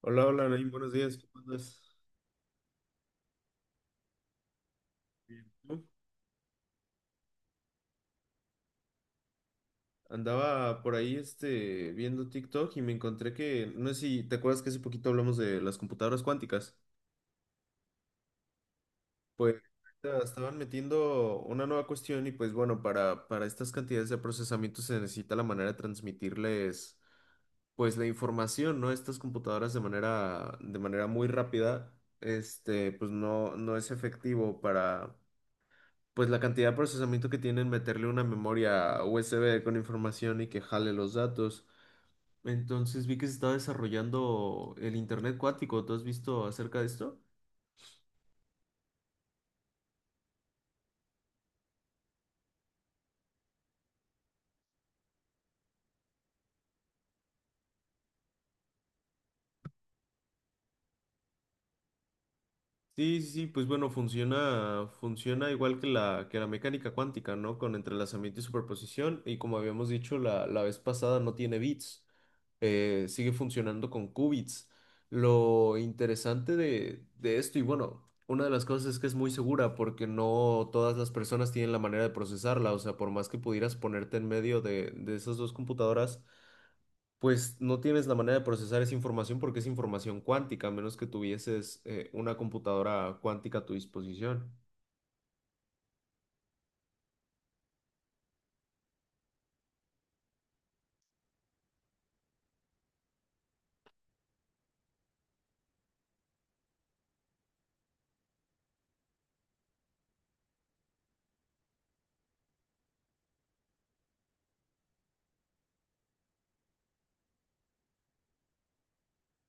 Hola, hola, Naim, buenos días, ¿cómo andas? Bien. ¿Tú? Andaba por ahí viendo TikTok y me encontré que, no sé si te acuerdas que hace poquito hablamos de las computadoras cuánticas. Pues ahorita estaban metiendo una nueva cuestión y pues bueno, para estas cantidades de procesamiento se necesita la manera de transmitirles pues la información, ¿no? Estas computadoras de manera muy rápida. Pues no, no es efectivo para pues la cantidad de procesamiento que tienen meterle una memoria USB con información y que jale los datos. Entonces vi que se está desarrollando el Internet cuántico. ¿Tú has visto acerca de esto? Sí, sí, sí, pues bueno, funciona, funciona igual que que la mecánica cuántica, ¿no? Con entrelazamiento y superposición, y como habíamos dicho la vez pasada, no tiene bits. Sigue funcionando con qubits. Lo interesante de esto, y bueno, una de las cosas es que es muy segura, porque no todas las personas tienen la manera de procesarla, o sea, por más que pudieras ponerte en medio de esas dos computadoras, pues no tienes la manera de procesar esa información porque es información cuántica, a menos que tuvieses una computadora cuántica a tu disposición.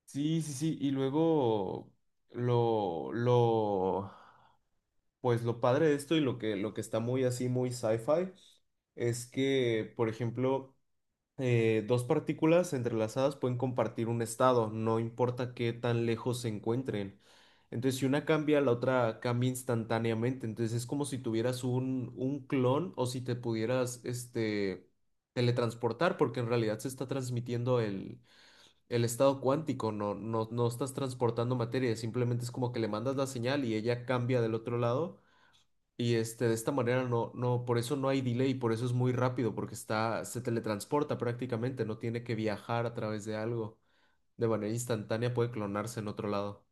Sí, sí, sí. Y luego lo, lo, lo padre de esto y lo que está muy así, muy sci-fi, es que, por ejemplo, dos partículas entrelazadas pueden compartir un estado, no importa qué tan lejos se encuentren. Entonces, si una cambia, la otra cambia instantáneamente. Entonces, es como si tuvieras un clon o si te pudieras, teletransportar, porque en realidad se está transmitiendo el estado cuántico. No estás transportando materia, simplemente es como que le mandas la señal y ella cambia del otro lado. Y de esta manera por eso no hay delay, por eso es muy rápido, porque está, se teletransporta prácticamente, no tiene que viajar a través de algo. De manera instantánea puede clonarse en otro lado.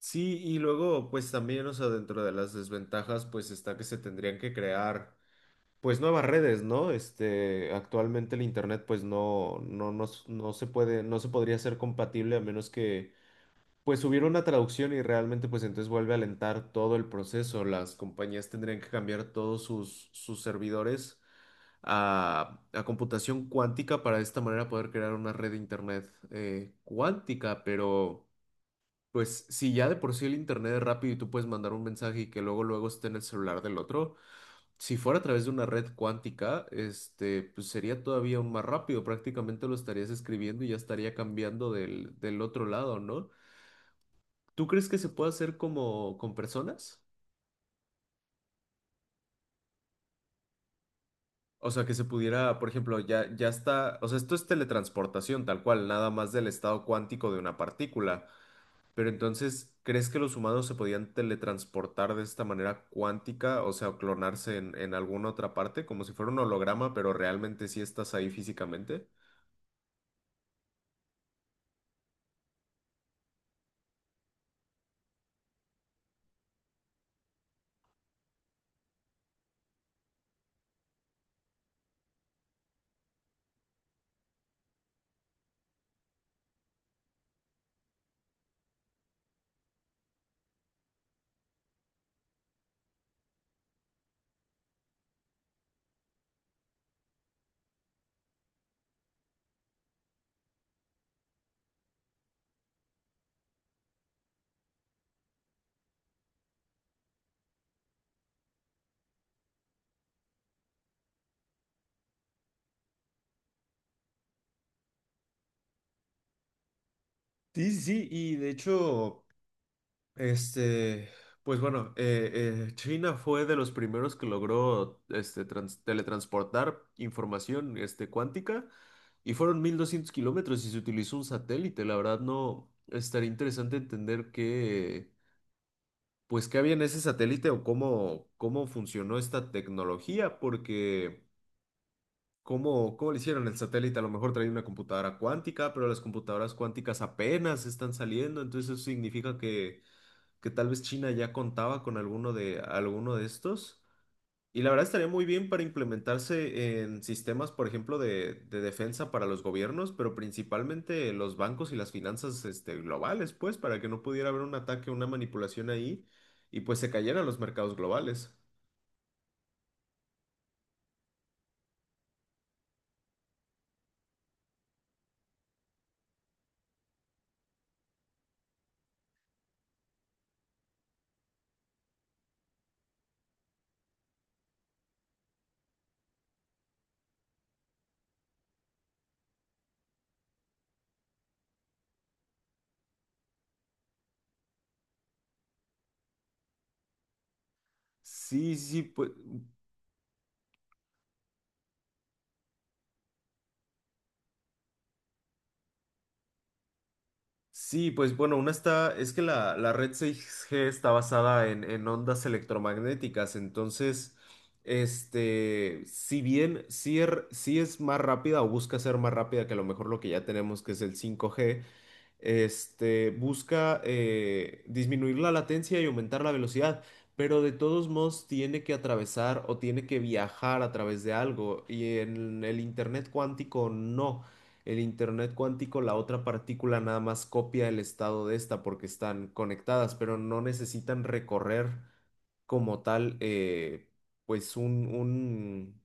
Sí, y luego, pues también, o sea, dentro de las desventajas, pues está que se tendrían que crear pues nuevas redes, ¿no? Actualmente el internet, pues no se puede, no se podría ser compatible a menos que pues subieron una traducción y realmente pues entonces vuelve a alentar todo el proceso. Las compañías tendrían que cambiar todos sus servidores a computación cuántica para de esta manera poder crear una red de internet cuántica. Pero pues si ya de por sí el internet es rápido y tú puedes mandar un mensaje y que luego luego esté en el celular del otro, si fuera a través de una red cuántica, pues sería todavía aún más rápido. Prácticamente lo estarías escribiendo y ya estaría cambiando del otro lado, ¿no? ¿Tú crees que se puede hacer como con personas? O sea, que se pudiera, por ejemplo, ya está, o sea, esto es teletransportación tal cual, nada más del estado cuántico de una partícula. Pero entonces, ¿crees que los humanos se podían teletransportar de esta manera cuántica, o sea, clonarse en alguna otra parte, como si fuera un holograma, pero realmente sí estás ahí físicamente? Sí, sí, sí, y de hecho... Este, pues bueno, eh, China fue de los primeros que logró teletransportar información cuántica y fueron 1200 kilómetros y se utilizó un satélite. La verdad no estaría interesante entender qué, pues qué había en ese satélite o cómo funcionó esta tecnología, porque cómo le hicieron el satélite. A lo mejor traía una computadora cuántica, pero las computadoras cuánticas apenas están saliendo, entonces eso significa que tal vez China ya contaba con alguno alguno de estos. Y la verdad estaría muy bien para implementarse en sistemas, por ejemplo, de defensa para los gobiernos, pero principalmente los bancos y las finanzas, globales, pues, para que no pudiera haber un ataque, una manipulación ahí y pues se cayeran los mercados globales. Sí, sí, pues sí, pues bueno, una está, es que la red 6G está basada en ondas electromagnéticas, entonces, si bien sí es más rápida o busca ser más rápida que a lo mejor lo que ya tenemos, que es el 5G. Busca disminuir la latencia y aumentar la velocidad, pero de todos modos tiene que atravesar o tiene que viajar a través de algo, y en el Internet cuántico no. El internet cuántico, la otra partícula nada más copia el estado de esta porque están conectadas, pero no necesitan recorrer como tal, pues un, un,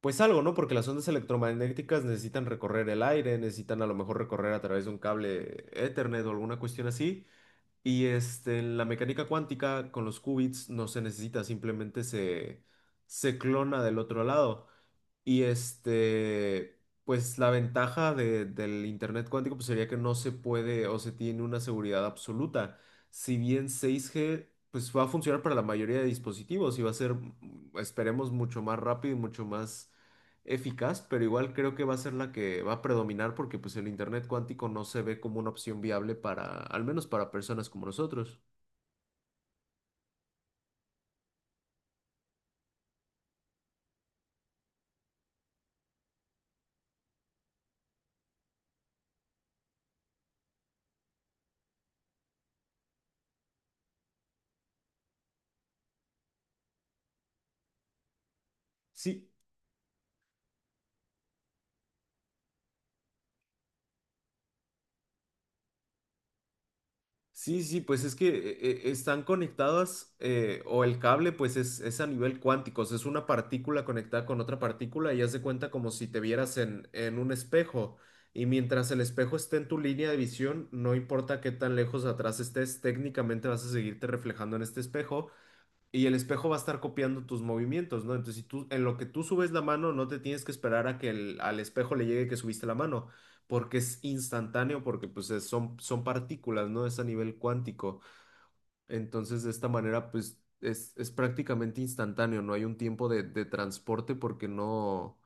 pues algo, ¿no? Porque las ondas electromagnéticas necesitan recorrer el aire, necesitan a lo mejor recorrer a través de un cable Ethernet o alguna cuestión así, y en la mecánica cuántica, con los qubits no se necesita, simplemente se clona del otro lado. Y pues la ventaja del Internet cuántico pues, sería que no se puede o se tiene una seguridad absoluta. Si bien 6G pues va a funcionar para la mayoría de dispositivos y va a ser, esperemos, mucho más rápido y mucho más eficaz, pero igual creo que va a ser la que va a predominar porque pues el internet cuántico no se ve como una opción viable para, al menos para personas como nosotros. Sí, sí, sí, pues es que están conectadas o el cable pues es a nivel cuántico, o sea, es una partícula conectada con otra partícula y haz de cuenta como si te vieras en un espejo y mientras el espejo esté en tu línea de visión, no importa qué tan lejos atrás estés, técnicamente vas a seguirte reflejando en este espejo. Y el espejo va a estar copiando tus movimientos, ¿no? Entonces, si tú, en lo que tú subes la mano, no te tienes que esperar a que al espejo le llegue que subiste la mano, porque es instantáneo, porque pues son partículas, ¿no? Es a nivel cuántico. Entonces, de esta manera, pues es prácticamente instantáneo, no hay un tiempo de transporte porque no,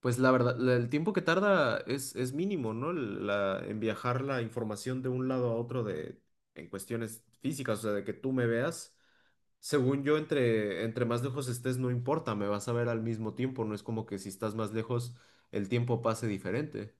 pues la verdad, el tiempo que tarda es mínimo, ¿no? En viajar la información de un lado a otro de, en cuestiones físicas, o sea, de que tú me veas. Según yo, entre más lejos estés, no importa, me vas a ver al mismo tiempo, no es como que si estás más lejos, el tiempo pase diferente.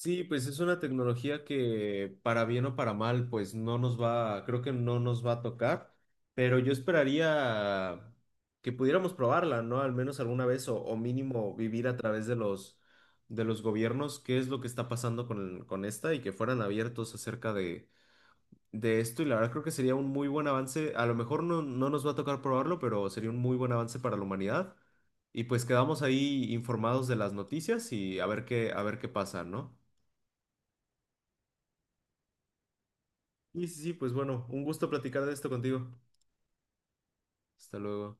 Sí, pues es una tecnología que para bien o para mal, pues no nos va, creo que no nos va a tocar, pero yo esperaría que pudiéramos probarla, ¿no? Al menos alguna vez o mínimo vivir a través de de los gobiernos, qué es lo que está pasando con esta y que fueran abiertos acerca de esto y la verdad creo que sería un muy buen avance. A lo mejor no nos va a tocar probarlo, pero sería un muy buen avance para la humanidad. Y pues quedamos ahí informados de las noticias y a ver qué pasa, ¿no? Y sí, sí, pues bueno, un gusto platicar de esto contigo. Hasta luego.